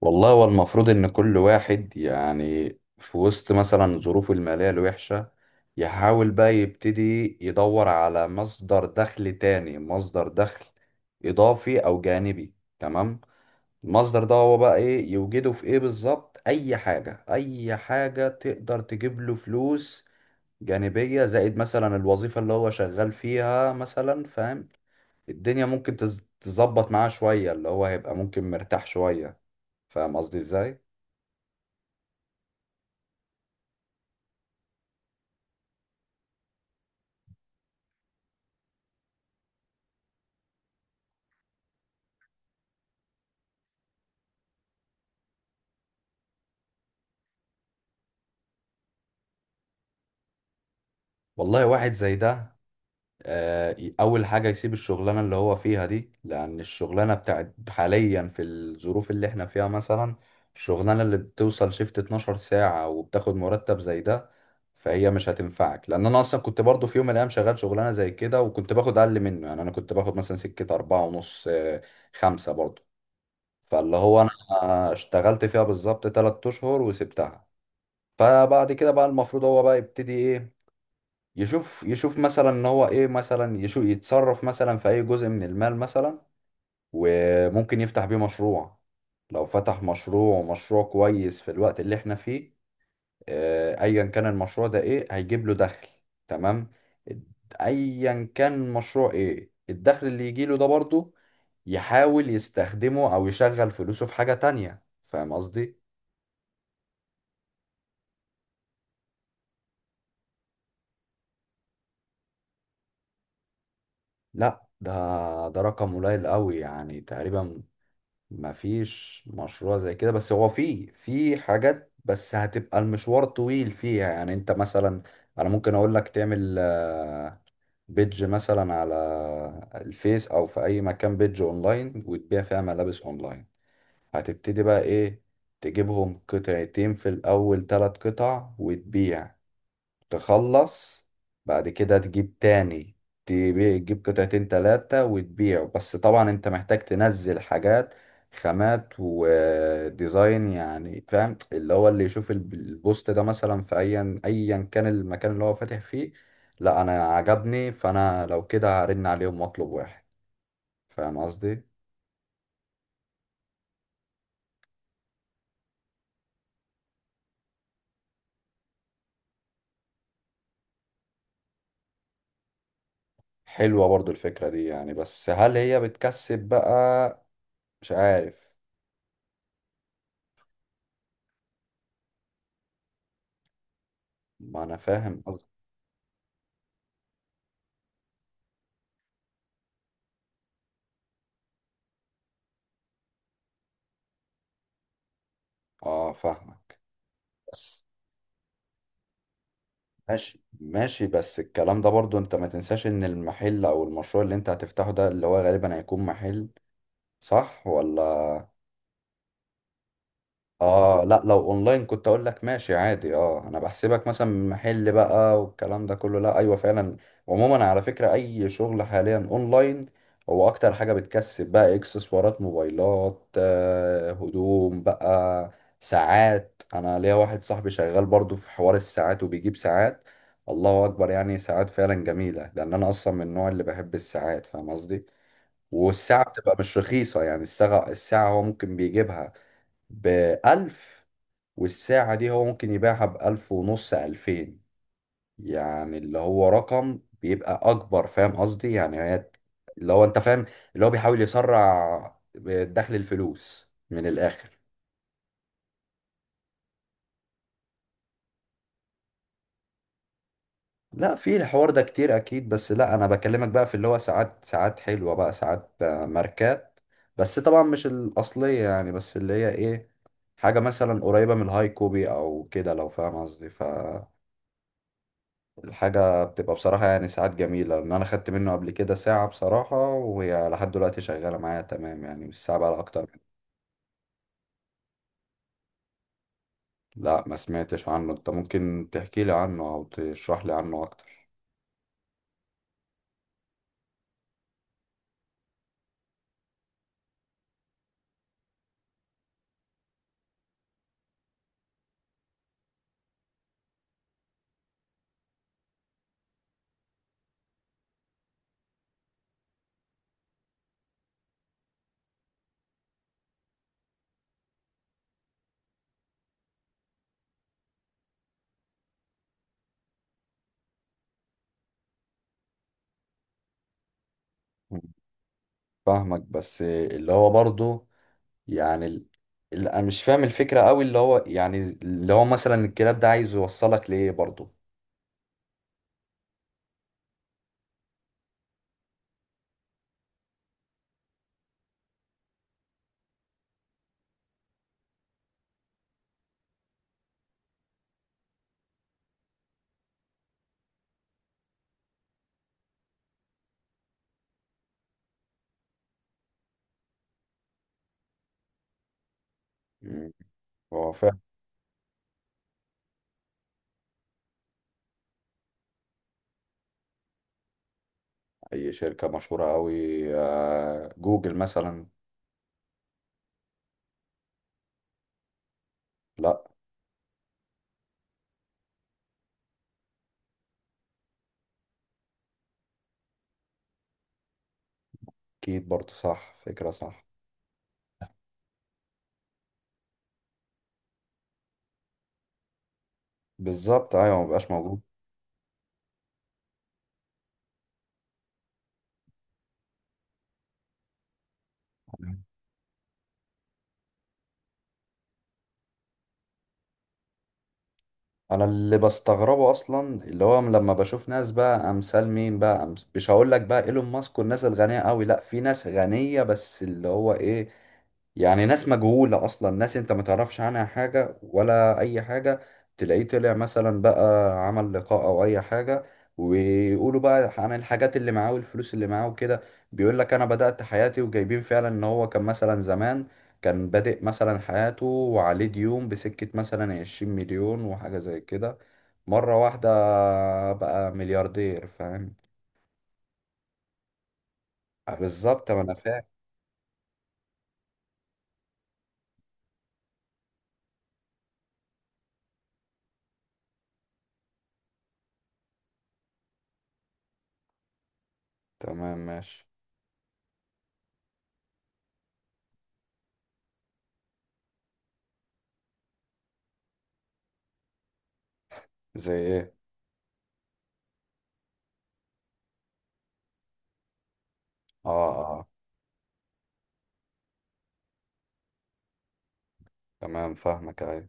والله هو المفروض ان كل واحد يعني في وسط مثلا ظروفه المالية الوحشة يحاول بقى يبتدي يدور على مصدر دخل تاني، مصدر دخل اضافي او جانبي. تمام. المصدر ده هو بقى ايه، يوجده في ايه بالظبط؟ اي حاجة، اي حاجة تقدر تجيب له فلوس جانبية زائد مثلا الوظيفة اللي هو شغال فيها مثلا، فاهم؟ الدنيا ممكن تظبط معاه شوية، اللي هو هيبقى ممكن مرتاح شوية. فاهم قصدي ازاي؟ والله واحد زي ده، اول حاجه يسيب الشغلانه اللي هو فيها دي، لان الشغلانه بتاعت حاليا في الظروف اللي احنا فيها مثلا، الشغلانه اللي بتوصل شيفت 12 ساعه وبتاخد مرتب زي ده، فهي مش هتنفعك. لان انا اصلا كنت برضو في يوم من الايام شغال شغلانه زي كده وكنت باخد اقل منه يعني. انا كنت باخد مثلا سكه أربعة ونص، خمسة برضو. فاللي هو انا اشتغلت فيها بالظبط 3 اشهر وسبتها. فبعد كده بقى المفروض هو بقى يبتدي ايه؟ يشوف يشوف مثلا ان هو ايه مثلا، يشوف يتصرف مثلا في اي جزء من المال مثلا وممكن يفتح بيه مشروع. لو فتح مشروع، ومشروع كويس في الوقت اللي احنا فيه، ايا كان المشروع ده ايه، هيجيب له دخل. تمام؟ ايا كان مشروع، ايه الدخل اللي يجيله ده برضه يحاول يستخدمه او يشغل فلوسه في حاجة تانية. فاهم قصدي؟ لا ده، ده رقم قليل قوي يعني. تقريبا ما فيش مشروع زي كده. بس هو في حاجات، بس هتبقى المشوار طويل فيها. يعني انت مثلا، انا ممكن اقول لك تعمل بيدج مثلا على الفيس او في اي مكان، بيدج اونلاين وتبيع فيها ملابس اونلاين. هتبتدي بقى ايه؟ تجيبهم قطعتين في الاول، ثلاث قطع وتبيع، تخلص، بعد كده تجيب تاني، تبيع، تجيب قطعتين تلاتة وتبيعه. بس طبعا انت محتاج تنزل حاجات خامات وديزاين يعني. فاهم؟ اللي هو اللي يشوف البوست ده مثلا، في ايا كان المكان اللي هو فاتح فيه، لا انا عجبني، فانا لو كده هرن عليهم واطلب واحد. فاهم قصدي؟ حلوة برضو الفكرة دي يعني، بس هل هي بتكسب بقى؟ مش عارف. ما انا فاهم قصدك. اه فاهمك. بس ماشي ماشي، بس الكلام ده برضو انت ما تنساش ان المحل او المشروع اللي انت هتفتحه ده، اللي هو غالبا هيكون محل، صح ولا؟ اه لا، لو اونلاين كنت اقول لك ماشي عادي. اه، انا بحسبك مثلا محل بقى والكلام ده كله. لا، ايوه فعلا. عموما على فكرة، اي شغل حاليا اونلاين هو اكتر حاجة بتكسب بقى. اكسسوارات موبايلات، هدوم بقى، ساعات. انا ليا واحد صاحبي شغال برضو في حوار الساعات وبيجيب ساعات، الله اكبر. يعني ساعات فعلا جميلة، لان انا اصلا من النوع اللي بحب الساعات، فاهم قصدي؟ والساعة بتبقى مش رخيصة. يعني الساعة هو ممكن بيجيبها بألف، والساعة دي هو ممكن يبيعها بألف ونص، ألفين. يعني اللي هو رقم بيبقى أكبر. فاهم قصدي؟ يعني هي اللي هو أنت فاهم، اللي هو بيحاول يسرع دخل الفلوس من الآخر. لا في الحوار ده كتير أكيد. بس لا، أنا بكلمك بقى في اللي هو ساعات، ساعات حلوة بقى، ساعات، ماركات. بس طبعا مش الأصلية يعني، بس اللي هي إيه، حاجة مثلا قريبة من الهاي كوبي أو كده، لو فاهم قصدي. ف الحاجة بتبقى بصراحة يعني ساعات جميلة، لأن أنا خدت منه قبل كده ساعة بصراحة، وهي لحد دلوقتي شغالة معايا تمام. يعني مش ساعة بقى أكتر لا، ما سمعتش عنه. أنت ممكن تحكي لي عنه أو تشرح لي عنه أكتر؟ فاهمك، بس اللي هو برضه يعني اللي أنا مش فاهم الفكرة أوي. اللي هو يعني اللي هو مثلا الكلاب ده عايز يوصلك لإيه برضه؟ مم. هو فاهم. أي شركة مشهورة أوي؟ جوجل مثلا. لا. أكيد برضه صح، فكرة صح. بالظبط ايوه، مبقاش موجود. انا اللي بستغربه اصلا، اللي هو لما بشوف ناس بقى امثال مين بقى، مش هقول لك بقى ايلون ماسك والناس الغنيه قوي، لا في ناس غنيه بس اللي هو ايه، يعني ناس مجهوله اصلا، ناس انت ما تعرفش عنها حاجه ولا اي حاجه. تلاقيه طلع مثلا بقى، عمل لقاء او اي حاجه، ويقولوا بقى عن الحاجات اللي معاه والفلوس اللي معاه وكده. بيقول لك انا بدأت حياتي، وجايبين فعلا ان هو كان مثلا زمان كان بادئ مثلا حياته وعليه ديون بسكة مثلا 20 مليون وحاجة زي كده، مرة واحدة بقى ملياردير. فاهم؟ بالظبط، ما أنا فاهم. تمام ماشي. زي إيه؟ آه. آه. تمام فاهمك، أيوة.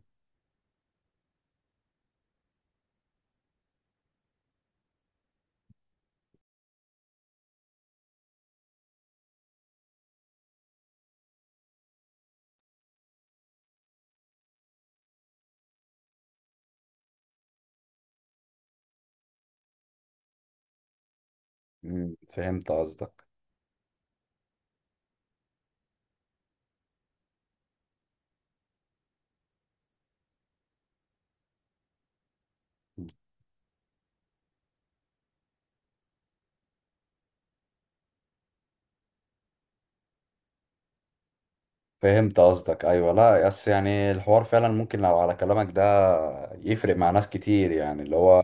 فهمت قصدك. فهمت قصدك أيوة. لا بس يعني الحوار فعلا ممكن لو على كلامك ده يفرق مع ناس كتير، يعني اللي هو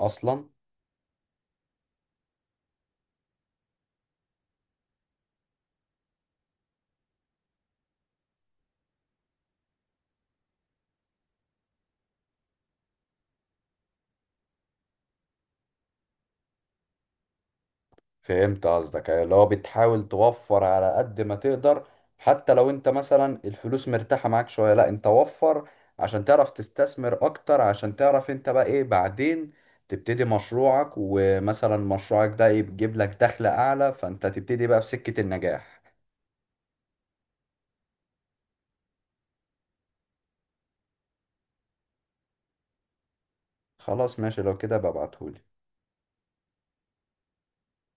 أصلا. فهمت قصدك أيوة، اللي هو بتحاول توفر على قد ما تقدر. حتى لو انت مثلا الفلوس مرتاحة معاك شوية، لا، انت وفر عشان تعرف تستثمر اكتر، عشان تعرف انت بقى ايه بعدين، تبتدي مشروعك، ومثلا مشروعك ده يجيب لك دخل اعلى، فانت تبتدي بقى في سكة النجاح. خلاص ماشي، لو كده ببعتهولي.